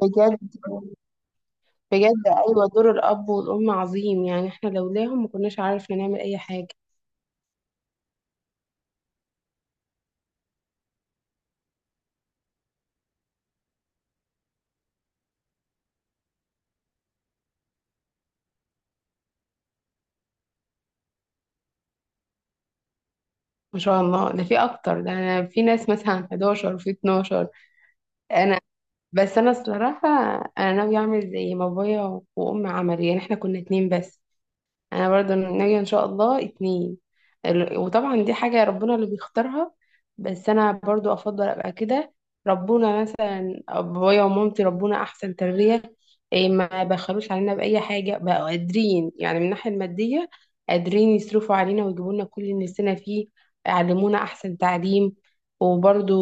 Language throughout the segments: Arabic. بجد بجد، ايوه دور الاب والام عظيم، يعني احنا لولاهم ما كناش عارفين نعمل اي حاجه. ما شاء الله، ده في اكتر، ده انا في ناس مثلا 11 وفي 12. انا بس انا الصراحه انا ناوي اعمل زي ما بابايا وامي عملوا. يعني احنا كنا اتنين بس، انا برضو ناوية ان شاء الله اتنين. وطبعا دي حاجة ربنا اللي بيختارها، بس انا برضو افضل ابقى كده. ربنا مثلا بابايا ومامتي ربنا احسن تربية. إيه، ما بخلوش علينا باي حاجة، بقوا قادرين يعني من الناحية المادية قادرين يصرفوا علينا ويجيبوا لنا كل اللي نفسنا فيه، يعلمونا احسن تعليم. وبرضو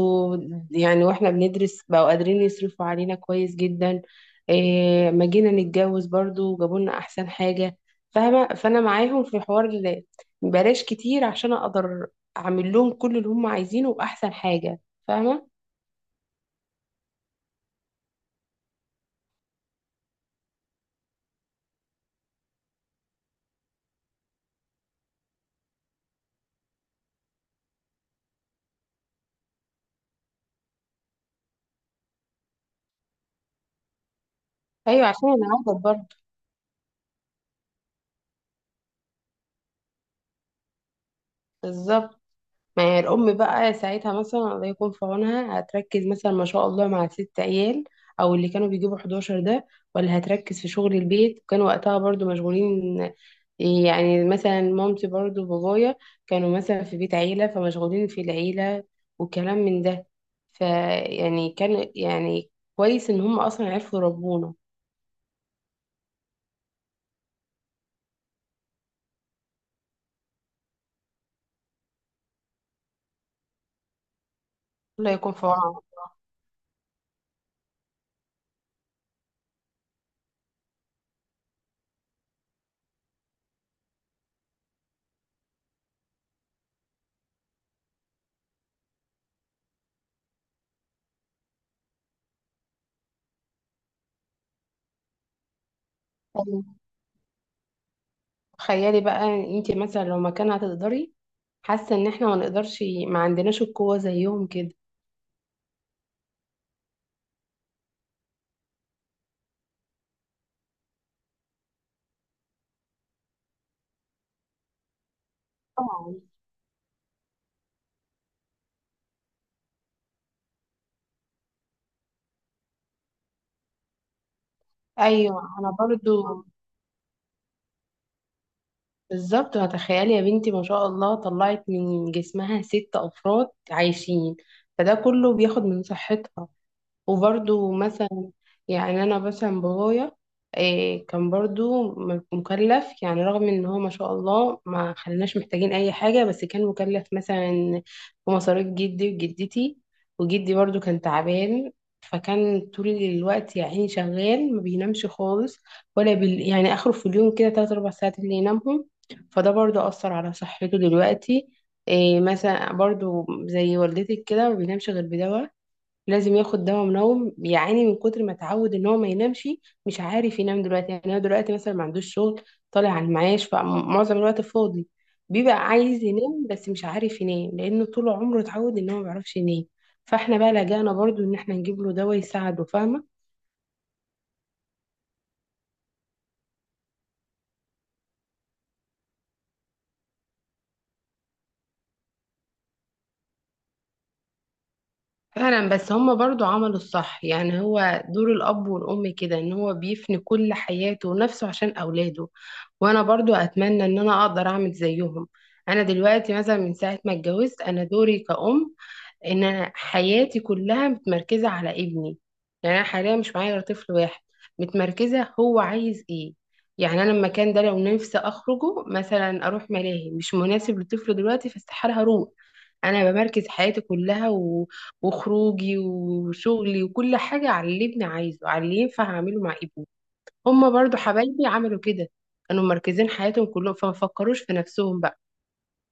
يعني واحنا بندرس بقوا قادرين يصرفوا علينا كويس جدا. إيه، ما جينا نتجوز برضو جابوا لنا احسن حاجة. فاهمة؟ فأنا معاهم في حوار بلاش كتير عشان أقدر أعمل لهم كل اللي هم عايزينه وأحسن حاجة. فاهمة؟ أيوة عشان أنا عارفة برضه. بالظبط، ما هي الأم بقى ساعتها مثلا الله يكون في عونها، هتركز مثلا ما شاء الله مع ست عيال، أو اللي كانوا بيجيبوا 11 ده؟ ولا هتركز في شغل البيت؟ كان وقتها برضو مشغولين، يعني مثلا مامتي برضو بابايا كانوا مثلا في بيت عيلة فمشغولين في العيلة وكلام من ده. فيعني كان يعني كويس إن هم أصلا عرفوا يربونا. الله يكون في عونهم. تخيلي بقى، انتي مثلا لو مكان هتقدري؟ حاسة إن احنا ما نقدرش، ما عندناش القوة زيهم كده. طبعا. ايوه انا برضو. بالظبط، هتخيلي يا بنتي ما شاء الله طلعت من جسمها ست افراد عايشين، فده كله بياخد من صحتها. وبرضو مثلا يعني انا مثلا بابايا إيه كان برضو مكلف، يعني رغم ان هو ما شاء الله ما خلناش محتاجين اي حاجة، بس كان مكلف مثلا بمصاريف جدي وجدتي. وجدي برضو كان تعبان، فكان طول الوقت يا عيني شغال ما بينامش خالص، يعني اخره في اليوم كده تلات اربع ساعات اللي ينامهم. فده برضو اثر على صحته دلوقتي. إيه، مثلا برضو زي والدتك كده ما بينامش غير بدواء، لازم ياخد دواء منوم، بيعاني من كتر ما اتعود ان هو ما ينامش. مش عارف ينام دلوقتي، يعني هو دلوقتي مثلا ما عندوش شغل، طالع على المعاش فمعظم الوقت فاضي، بيبقى عايز ينام بس مش عارف ينام لانه طول عمره اتعود ان هو ما بيعرفش ينام. فاحنا بقى لجأنا برضو ان احنا نجيب له دواء يساعده. فاهمة؟ فعلا، بس هما برضو عملوا الصح. يعني هو دور الأب والأم كده إن هو بيفني كل حياته ونفسه عشان أولاده، وأنا برضو أتمنى إن أنا أقدر أعمل زيهم. أنا دلوقتي مثلا من ساعة ما اتجوزت أنا دوري كأم ان انا حياتي كلها متمركزه على ابني. يعني انا حاليا مش معايا غير طفل واحد، متمركزه هو عايز ايه. يعني انا المكان ده لو نفسي اخرجه مثلا اروح ملاهي مش مناسب للطفل دلوقتي فاستحاله هروح. انا بمركز حياتي كلها وخروجي وشغلي وكل حاجه على اللي ابني عايزه، على اللي ينفع اعمله مع ابني. هما برضو حبايبي عملوا كده، كانوا مركزين حياتهم كلهم فما فكروش في نفسهم بقى.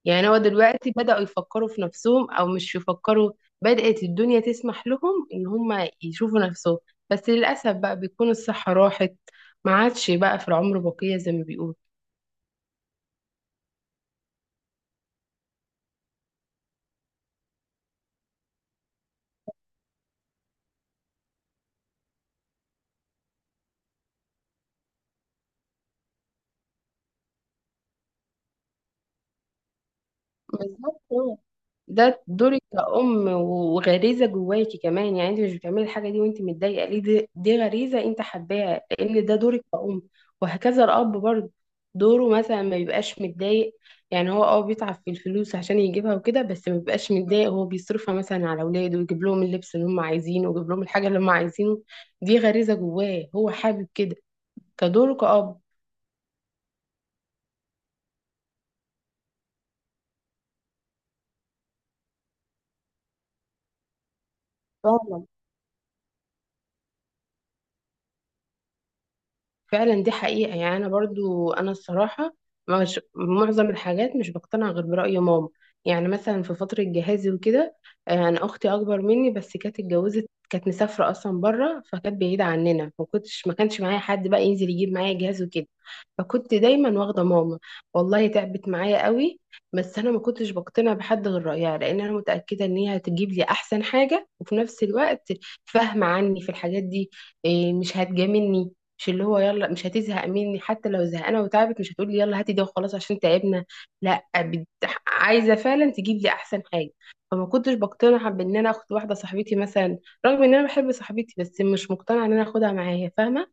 يعني هو دلوقتي بدأوا يفكروا في نفسهم او مش يفكروا، بدأت الدنيا تسمح لهم ان هم يشوفوا نفسهم، بس للأسف بقى بيكون الصحة راحت، ما عادش بقى في العمر بقية زي ما بيقولوا. بالظبط، ده دورك كأم وغريزة جواكي كمان. يعني انت مش بتعملي الحاجة دي وانت متضايقة، ليه؟ دي، دي غريزة انت حباها لان ده دورك كأم. وهكذا الأب برضه، دوره مثلا ما بيبقاش متضايق. يعني هو اه بيتعب في الفلوس عشان يجيبها وكده، بس ما بيبقاش متضايق، هو بيصرفها مثلا على أولاده ويجيب لهم اللبس اللي هم عايزينه ويجيب لهم الحاجة اللي هم عايزينه. دي غريزة جواه، هو حابب كده، كدوره كأب. فاهمة؟ فعلا دي حقيقة. يعني أنا برضو أنا الصراحة مش، معظم الحاجات مش بقتنع غير برأي ماما. يعني مثلا في فترة جهازي وكده، آه، أنا أختي أكبر مني بس كانت اتجوزت، كانت مسافرة أصلا بره فكانت بعيدة عننا، ما كانش معايا حد بقى ينزل يجيب معايا جهاز وكده. فكنت دايما واخدة ماما، والله تعبت معايا قوي. بس أنا ما كنتش بقتنع بحد غير رأيها لأن أنا متأكدة إن هي هتجيب لي أحسن حاجة، وفي نفس الوقت فاهمة عني في الحاجات دي. إيه، مش هتجاملني، مش اللي هو يلا، مش هتزهق مني حتى لو زهقانه وتعبت، مش هتقولي يلا هاتي ده وخلاص عشان تعبنا. لا، عايزه فعلا تجيب لي احسن حاجه. فما كنتش بقتنع بان انا اخد واحده صاحبتي مثلا، رغم ان انا بحب صاحبتي بس مش مقتنعه ان انا اخدها معايا. فاهمه؟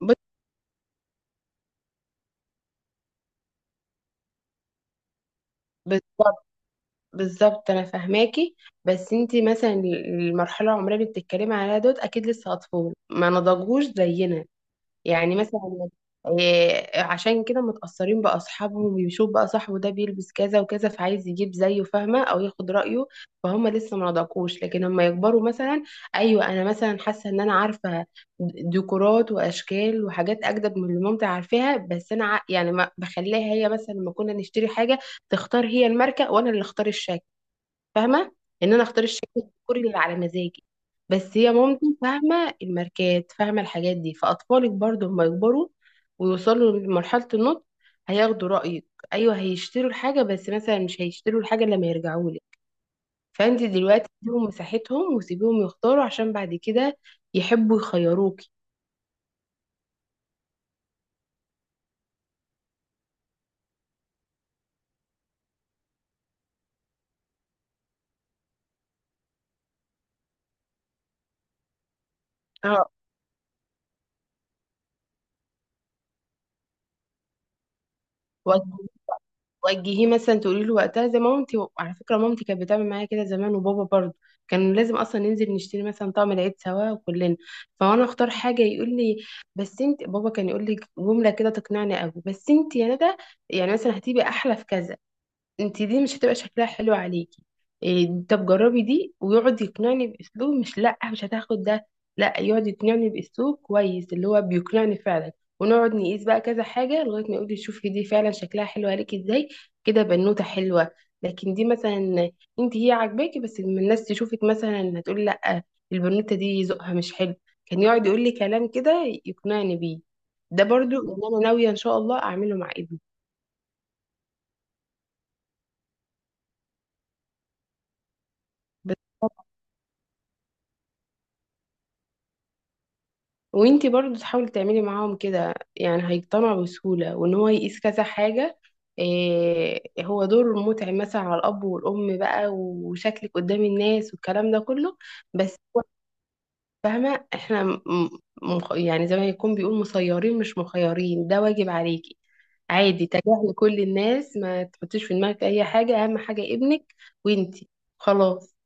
بص- بالظبط. بالظبط، انا فاهماكي. بس انتي مثلا المرحله العمريه اللي بتتكلمي عليها دوت اكيد لسه اطفال ما نضجوش زينا. يعني مثلا إيه، عشان كده متأثرين بأصحابهم، ويشوف بقى صاحبه ده بيلبس كذا وكذا فعايز يجيب زيه، فاهمة؟ أو ياخد رأيه. فهم لسه ما نضجوش، لكن لما يكبروا مثلا، أيوة أنا مثلا حاسة إن أنا عارفة ديكورات وأشكال وحاجات أجدد من اللي مامتي عارفاها، بس أنا يعني ما بخليها هي، مثلا لما كنا نشتري حاجة تختار هي الماركة وأنا اللي أختار الشكل. فاهمه؟ ان انا اختار الشكل الديكوري اللي على مزاجي، بس هي مامتي فاهمه الماركات فاهمه الحاجات دي. فاطفالك برضو لما يكبروا ويوصلوا لمرحله النضج هياخدوا رايك. ايوه هيشتروا الحاجه، بس مثلا مش هيشتروا الحاجه إلا لما يرجعوا لك. فانت دلوقتي اديهم مساحتهم وسيبيهم يختاروا، عشان بعد كده يحبوا يخيروكي. اه، وجهيه مثلا تقولي له وقتها زي مامتي، على فكره مامتي كانت بتعمل معايا كده زمان، وبابا برضه كان لازم اصلا ننزل نشتري مثلا طعم العيد سوا وكلنا. فانا اختار حاجه يقول لي، بس انت بابا كان يقول لي جمله كده تقنعني قوي، بس انت يا ندى يعني مثلا هتبقي احلى في كذا، انت دي مش هتبقى شكلها حلو عليكي، إيه طب جربي دي. ويقعد يقنعني باسلوب مش، لا مش هتاخد ده، لا يقعد يقنعني باسلوب كويس اللي هو بيقنعني فعلا. ونقعد نقيس بقى كذا حاجه لغايه ما يقول لي شوفي دي فعلا شكلها حلو عليكي ازاي، كده بنوته حلوه. لكن دي مثلا انت هي عاجباكي، بس لما الناس تشوفك مثلا هتقول لا البنوته دي ذوقها مش حلو. كان يقعد يقول لي كلام كده يقنعني بيه. ده برضو اللي انا ناويه ان شاء الله اعمله مع ابني. وانتي برضو تحاولي تعملي معاهم كده، يعني هيقتنعوا بسهولة، وان هو يقيس كذا حاجة. إيه، هو دور متعب مثلا على الأب والأم بقى، وشكلك قدام الناس والكلام ده كله، بس هو، فاهمة؟ احنا مخ، يعني زي ما يكون بيقول مسيرين مش مخيرين، ده واجب عليكي. عادي تجاهلي كل الناس، ما تحطيش في دماغك أي حاجة، أهم حاجة ابنك وانتي، خلاص.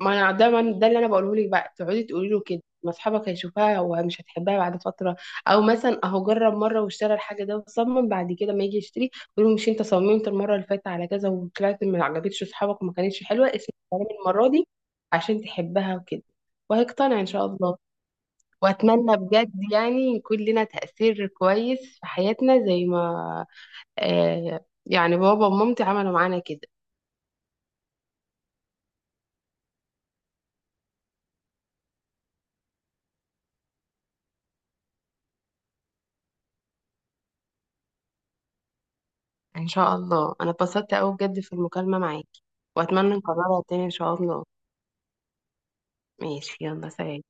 ما انا ده من ده اللي انا بقوله لك بقى، تقعدي تقولي له كده ما اصحابك هيشوفها ومش هتحبها بعد فتره. او مثلا اهو جرب مره واشترى الحاجه ده وصمم، بعد كده ما يجي يشتري يقول له مش انت صممت المره اللي فاتت على كذا وطلعت ما عجبتش اصحابك وما كانتش حلوه، اسمع كلامي المره دي عشان تحبها وكده. وهيقتنع ان شاء الله. واتمنى بجد يعني يكون لنا تاثير كويس في حياتنا زي ما آه يعني بابا ومامتي عملوا معانا كده. ان شاء الله انا اتبسطت قوي بجد في المكالمة معاكي، واتمنى نكررها تاني ان شاء الله. ماشي، يلا سلام.